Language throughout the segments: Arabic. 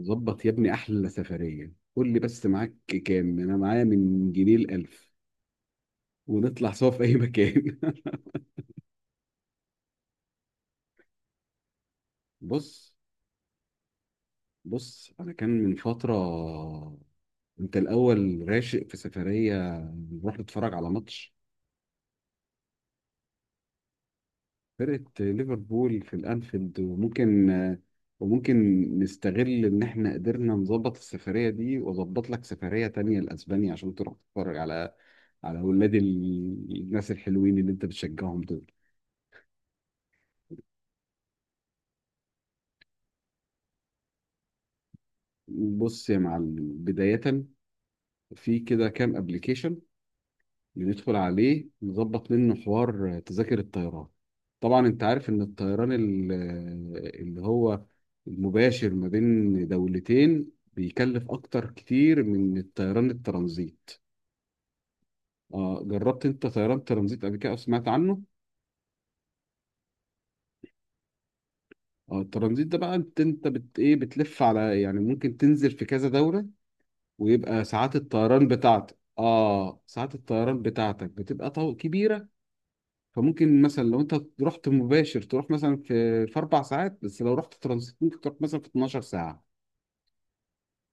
ظبط يا ابني احلى سفريه، قول لي بس معاك كام. انا معايا من جنيه الالف ونطلع سوا في اي مكان. بص بص انا كان من فتره، انت الاول راشق في سفريه نروح نتفرج على ماتش فرقه ليفربول في الانفيلد، وممكن نستغل ان احنا قدرنا نظبط السفريه دي، واظبط لك سفريه تانية لاسبانيا عشان تروح تتفرج على اولاد الناس الحلوين اللي انت بتشجعهم دول. بص يا معلم، بداية في كده كام ابلكيشن بندخل عليه نظبط منه حوار تذاكر الطيران. طبعا انت عارف ان الطيران اللي هو المباشر ما بين دولتين بيكلف اكتر كتير من الطيران الترانزيت. اه، جربت انت طيران ترانزيت قبل كده او سمعت عنه؟ اه، الترانزيت ده بقى انت بت ايه، بتلف على يعني ممكن تنزل في كذا دولة، ويبقى ساعات الطيران بتاعتك، بتبقى كبيره. فممكن مثلا لو انت رحت مباشر تروح مثلا في 4 ساعات، بس لو رحت ترانزيت ممكن تروح مثلا في 12 ساعه.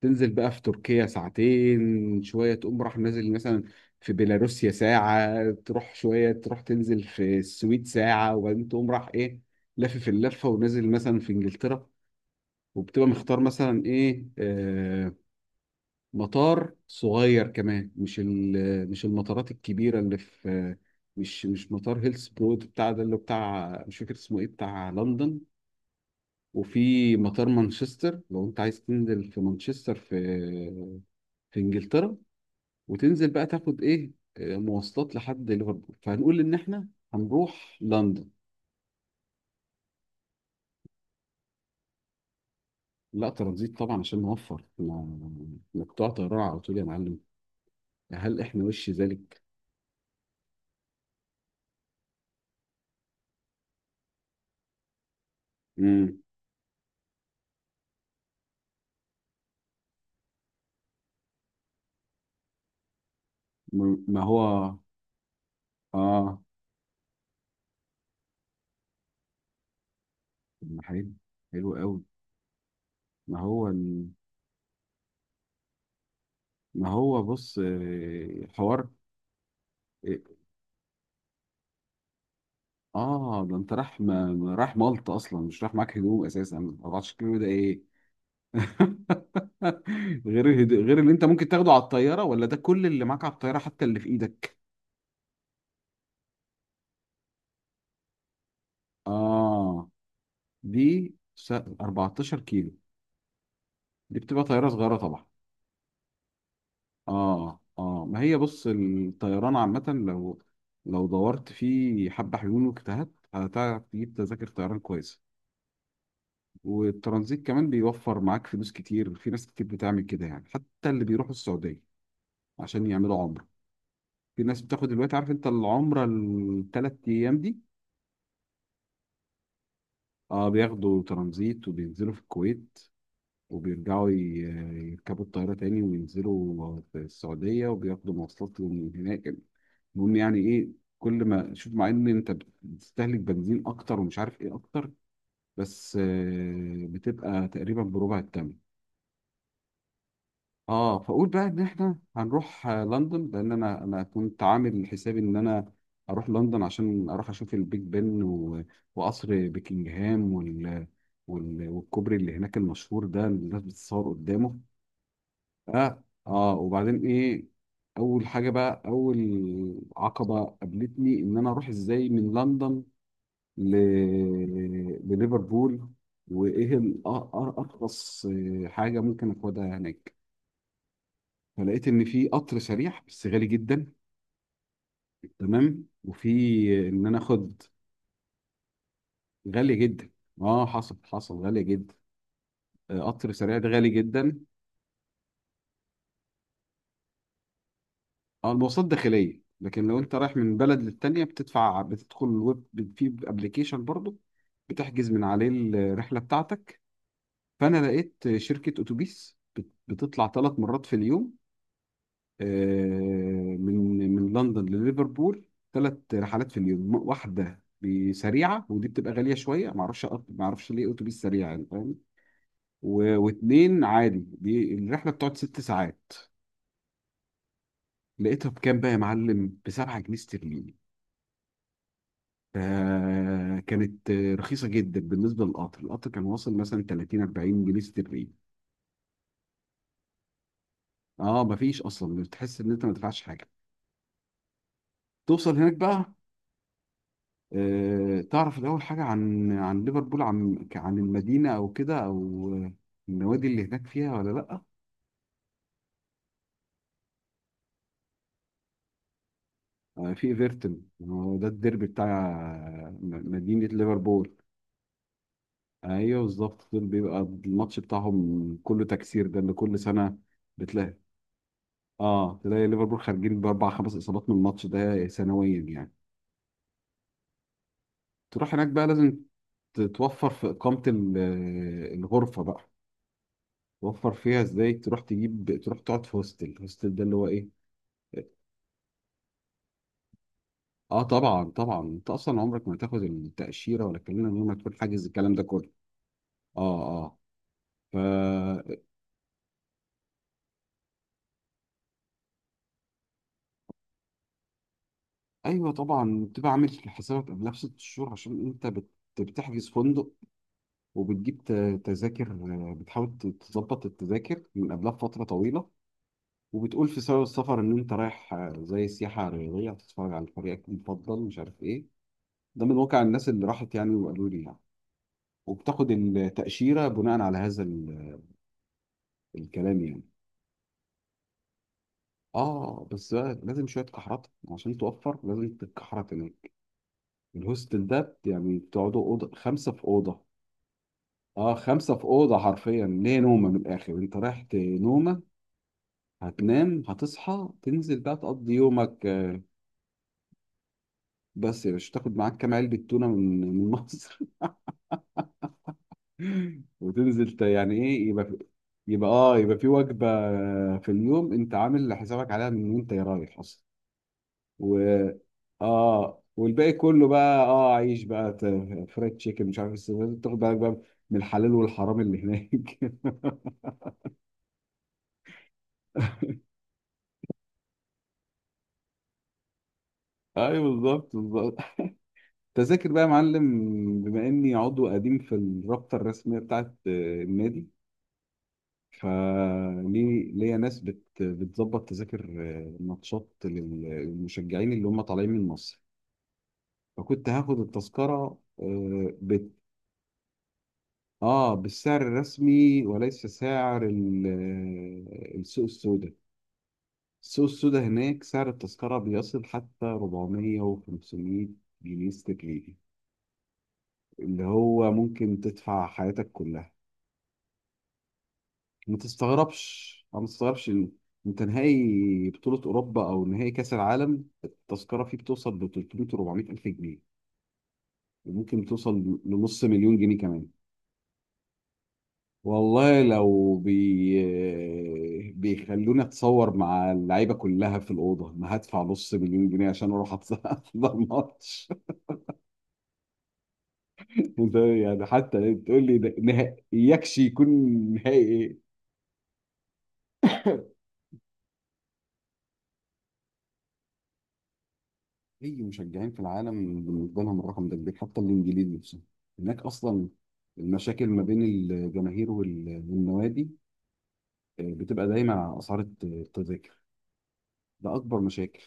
تنزل بقى في تركيا ساعتين شويه، تقوم راح نازل مثلا في بيلاروسيا ساعه، تروح شويه تروح تنزل في السويد ساعه، وبعدين تقوم راح ايه، لافف اللفه ونازل مثلا في انجلترا. وبتبقى مختار مثلا ايه، آه، مطار صغير كمان، مش مش المطارات الكبيره اللي في مش مطار هيلسبرود بتاع ده اللي بتاع، مش فاكر اسمه ايه، بتاع لندن. وفي مطار مانشستر لو انت عايز تنزل في مانشستر، في في انجلترا، وتنزل بقى تاخد ايه، آه، مواصلات لحد ليفربول. فهنقول ان احنا هنروح لندن. لا ترانزيت طبعا عشان نوفر، لا لا، بتوع طيران على طول يا معلم؟ هل احنا وش ذلك؟ مم. ما هو اه. طب ما حلو، حلو قوي. ما هو ال... ما هو بص آه، حوار. اه، آه، ده انت راح مالطا اصلا مش راح معاك هدوم اساسا، 14 كيلو ده ايه! غير اللي انت ممكن تاخده على الطياره، ولا ده كل اللي معاك على الطياره حتى اللي في ايدك؟ اه، 14 كيلو دي بتبقى طياره صغيره طبعا. اه اه، ما هي بص الطيران عامه، لو دورت في حبه حلول واجتهدت هتعرف تجيب تذاكر طيران كويسه. والترانزيت كمان بيوفر معاك فلوس كتير، في ناس كتير بتعمل كده يعني، حتى اللي بيروحوا السعودية عشان يعملوا عمرة. في ناس بتاخد دلوقتي، عارف انت العمرة الثلاث ايام دي؟ اه، بياخدوا ترانزيت وبينزلوا في الكويت، وبيرجعوا ي- يركبوا الطيارة تاني وينزلوا في السعودية وبياخدوا مواصلات من هناك. المهم يعني ايه، كل ما شوف مع ان انت بتستهلك بنزين اكتر ومش عارف ايه اكتر، بس آه، بتبقى تقريبا بربع الثمن. اه، فاقول بقى ان احنا هنروح آه، لندن، لان انا كنت عامل حسابي ان انا اروح لندن عشان اروح اشوف البيج بن، وقصر بكنجهام، والكوبري اللي هناك المشهور ده اللي الناس بتتصور قدامه. اه اه، وبعدين ايه، اول حاجه بقى، اول عقبه قابلتني ان انا اروح ازاي من لندن ل... لليفربول، وايه ارخص آه، حاجه ممكن اخدها هناك. فلقيت ان في قطر سريع بس غالي جدا، تمام، وفي ان انا اخد. غالي جدا، اه حصل حصل، غالي جدا. آه، قطر سريع ده غالي جدا. اه، المواصلات داخليه، لكن لو انت رايح من بلد للتانيه بتدفع، بتدخل الويب، في ابلكيشن برضو بتحجز من عليه الرحله بتاعتك. فانا لقيت شركه اتوبيس بتطلع 3 مرات في اليوم، آه، من لندن لليفربول، 3 رحلات في اليوم، واحده بسريعه ودي بتبقى غاليه شويه، ما اعرفش ليه اتوبيس سريع يعني، فاهم؟ واتنين عادي، دي الرحله بتقعد 6 ساعات. لقيتها بكام بقى يا معلم؟ ب 7 جنيه استرليني. آه، كانت آه، رخيصه جدا بالنسبه للقطر، القطر كان واصل مثلا 30 40 جنيه استرليني. اه، مفيش اصلا، بتحس ان انت ما دفعتش حاجه. توصل هناك بقى، آه، تعرف الأول حاجة عن ليفربول، عن المدينة أو كده أو آه، النوادي اللي هناك فيها ولا لأ؟ آه، في ايفرتون، هو ده الديربي بتاع آه، مدينة ليفربول. أيوه بالظبط، دول بيبقى الماتش بتاعهم كله تكسير، ده اللي كل سنة بتلاقي، اه تلاقي ليفربول خارجين بأربع خمس إصابات من الماتش ده سنويا يعني. تروح هناك بقى، لازم تتوفر في إقامة آه، الغرفة بقى. توفر فيها ازاي؟ تروح تجيب، تروح تقعد في هوستل، الهوستل ده اللي هو ايه. اه طبعا طبعا، انت اصلا عمرك ما هتاخد التاشيره ولا الكلام ده من غير ما تكون حاجز الكلام ده كله. اه اه، فا، ايوه طبعا بتبقى عامل حسابك قبلها ب 6 شهور، عشان انت بتحجز فندق وبتجيب تذاكر آه، بتحاول تظبط التذاكر من قبلها بفتره طويله. وبتقول في سبب السفر ان انت رايح آه، زي سياحه رياضيه هتتفرج على فريقك المفضل مش عارف ايه، ده من واقع الناس اللي راحت يعني وقالوا لي يعني. وبتاخد التاشيره بناء على هذا الكلام يعني. اه، بس بقى لازم شويه كحرات عشان توفر، لازم تتكحرت هناك. الهوستل ده يعني بتقعدوا اوضه، خمسه في اوضه. اه، خمسه في اوضه حرفيا، ليه؟ نومه من الاخر، انت رايح نومه، هتنام هتصحى تنزل بقى تقضي يومك آه، بس يا باشا تاخد معاك كام علبه تونه من مصر. يعني ايه، يبقى اه يبقى في وجبه في اليوم انت عامل حسابك عليها من وانت رايح اصلا. و اه، والباقي كله بقى، اه عيش بقى، فرايد تشيكن مش عارف إيه، تاخد بالك بقى من الحلال والحرام اللي هناك. ايوه بالظبط بالظبط. تذاكر بقى يا معلم، بما اني عضو قديم في الرابطه الرسميه بتاعت آه، النادي، فليه ليا ناس بتظبط تذاكر آه، ماتشات للمشجعين اللي هم طالعين من مصر. فكنت هاخد التذكره اه بالسعر الرسمي، وليس سعر السوق السوداء. السوق السوداء هناك سعر التذكرة بيصل حتى 400 و500 جنيه استرليني، اللي هو ممكن تدفع حياتك كلها. ما تستغربش، إن انت نهائي بطولة أوروبا أو نهائي كأس العالم التذكرة فيه بتوصل ل 300 و400 ألف جنيه، وممكن توصل لنص مليون جنيه كمان. والله لو بي... آه، بيخلوني اتصور مع اللعيبه كلها في الاوضه ما هدفع نص مليون جنيه عشان اروح احضر ماتش ده، يعني حتى تقول لي ده نهائي يكشي يكون نهائي ايه. اي مشجعين في العالم بالنسبه لهم الرقم ده كبير، حتى الانجليز نفسهم هناك اصلا، المشاكل ما بين الجماهير والنوادي آه، بتبقى دايما على اسعار التذاكر. ده اكبر مشاكل.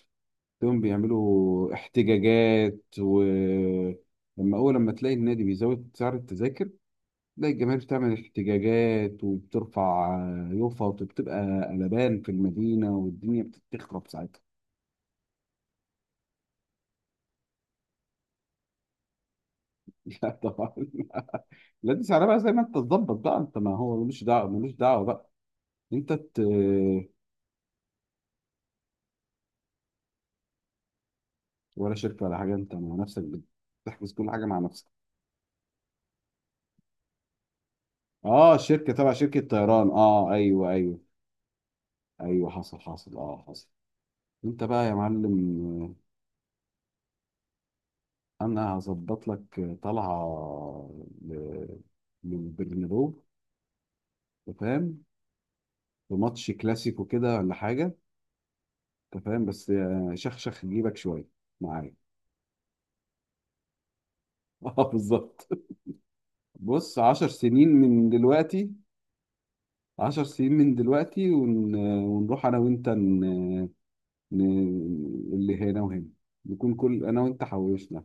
تقوم بيعملوا احتجاجات، ولما اول لما تلاقي النادي بيزود سعر التذاكر، تلاقي الجماهير بتعمل احتجاجات وبترفع يوفا، وبتبقى قلبان في المدينه والدنيا بتخرب ساعتها. لا طبعا، لا دي سعرها بقى زي ما انت تظبط بقى، انت ما هو ملوش دعوه، ملوش دعوه بقى انت ولا شركه ولا حاجه، انت مع نفسك بتحجز كل حاجه مع نفسك. اه، شركه تبع شركه طيران، اه ايوه ايوه، ايوه حصل حصل، اه حصل. انت بقى يا معلم، انا هظبط لك طلعه ل- للبرنابيو، أنت فاهم؟ في ماتش كلاسيكو كده ولا حاجه، انت فاهم؟ بس آه، شخشخ جيبك شويه معايا. اه بالظبط، بص 10 سنين من دلوقتي، عشر سنين من دلوقتي ون... ونروح انا وانت ن... اللي هنا وهنا، نكون كل انا وانت حوشنا.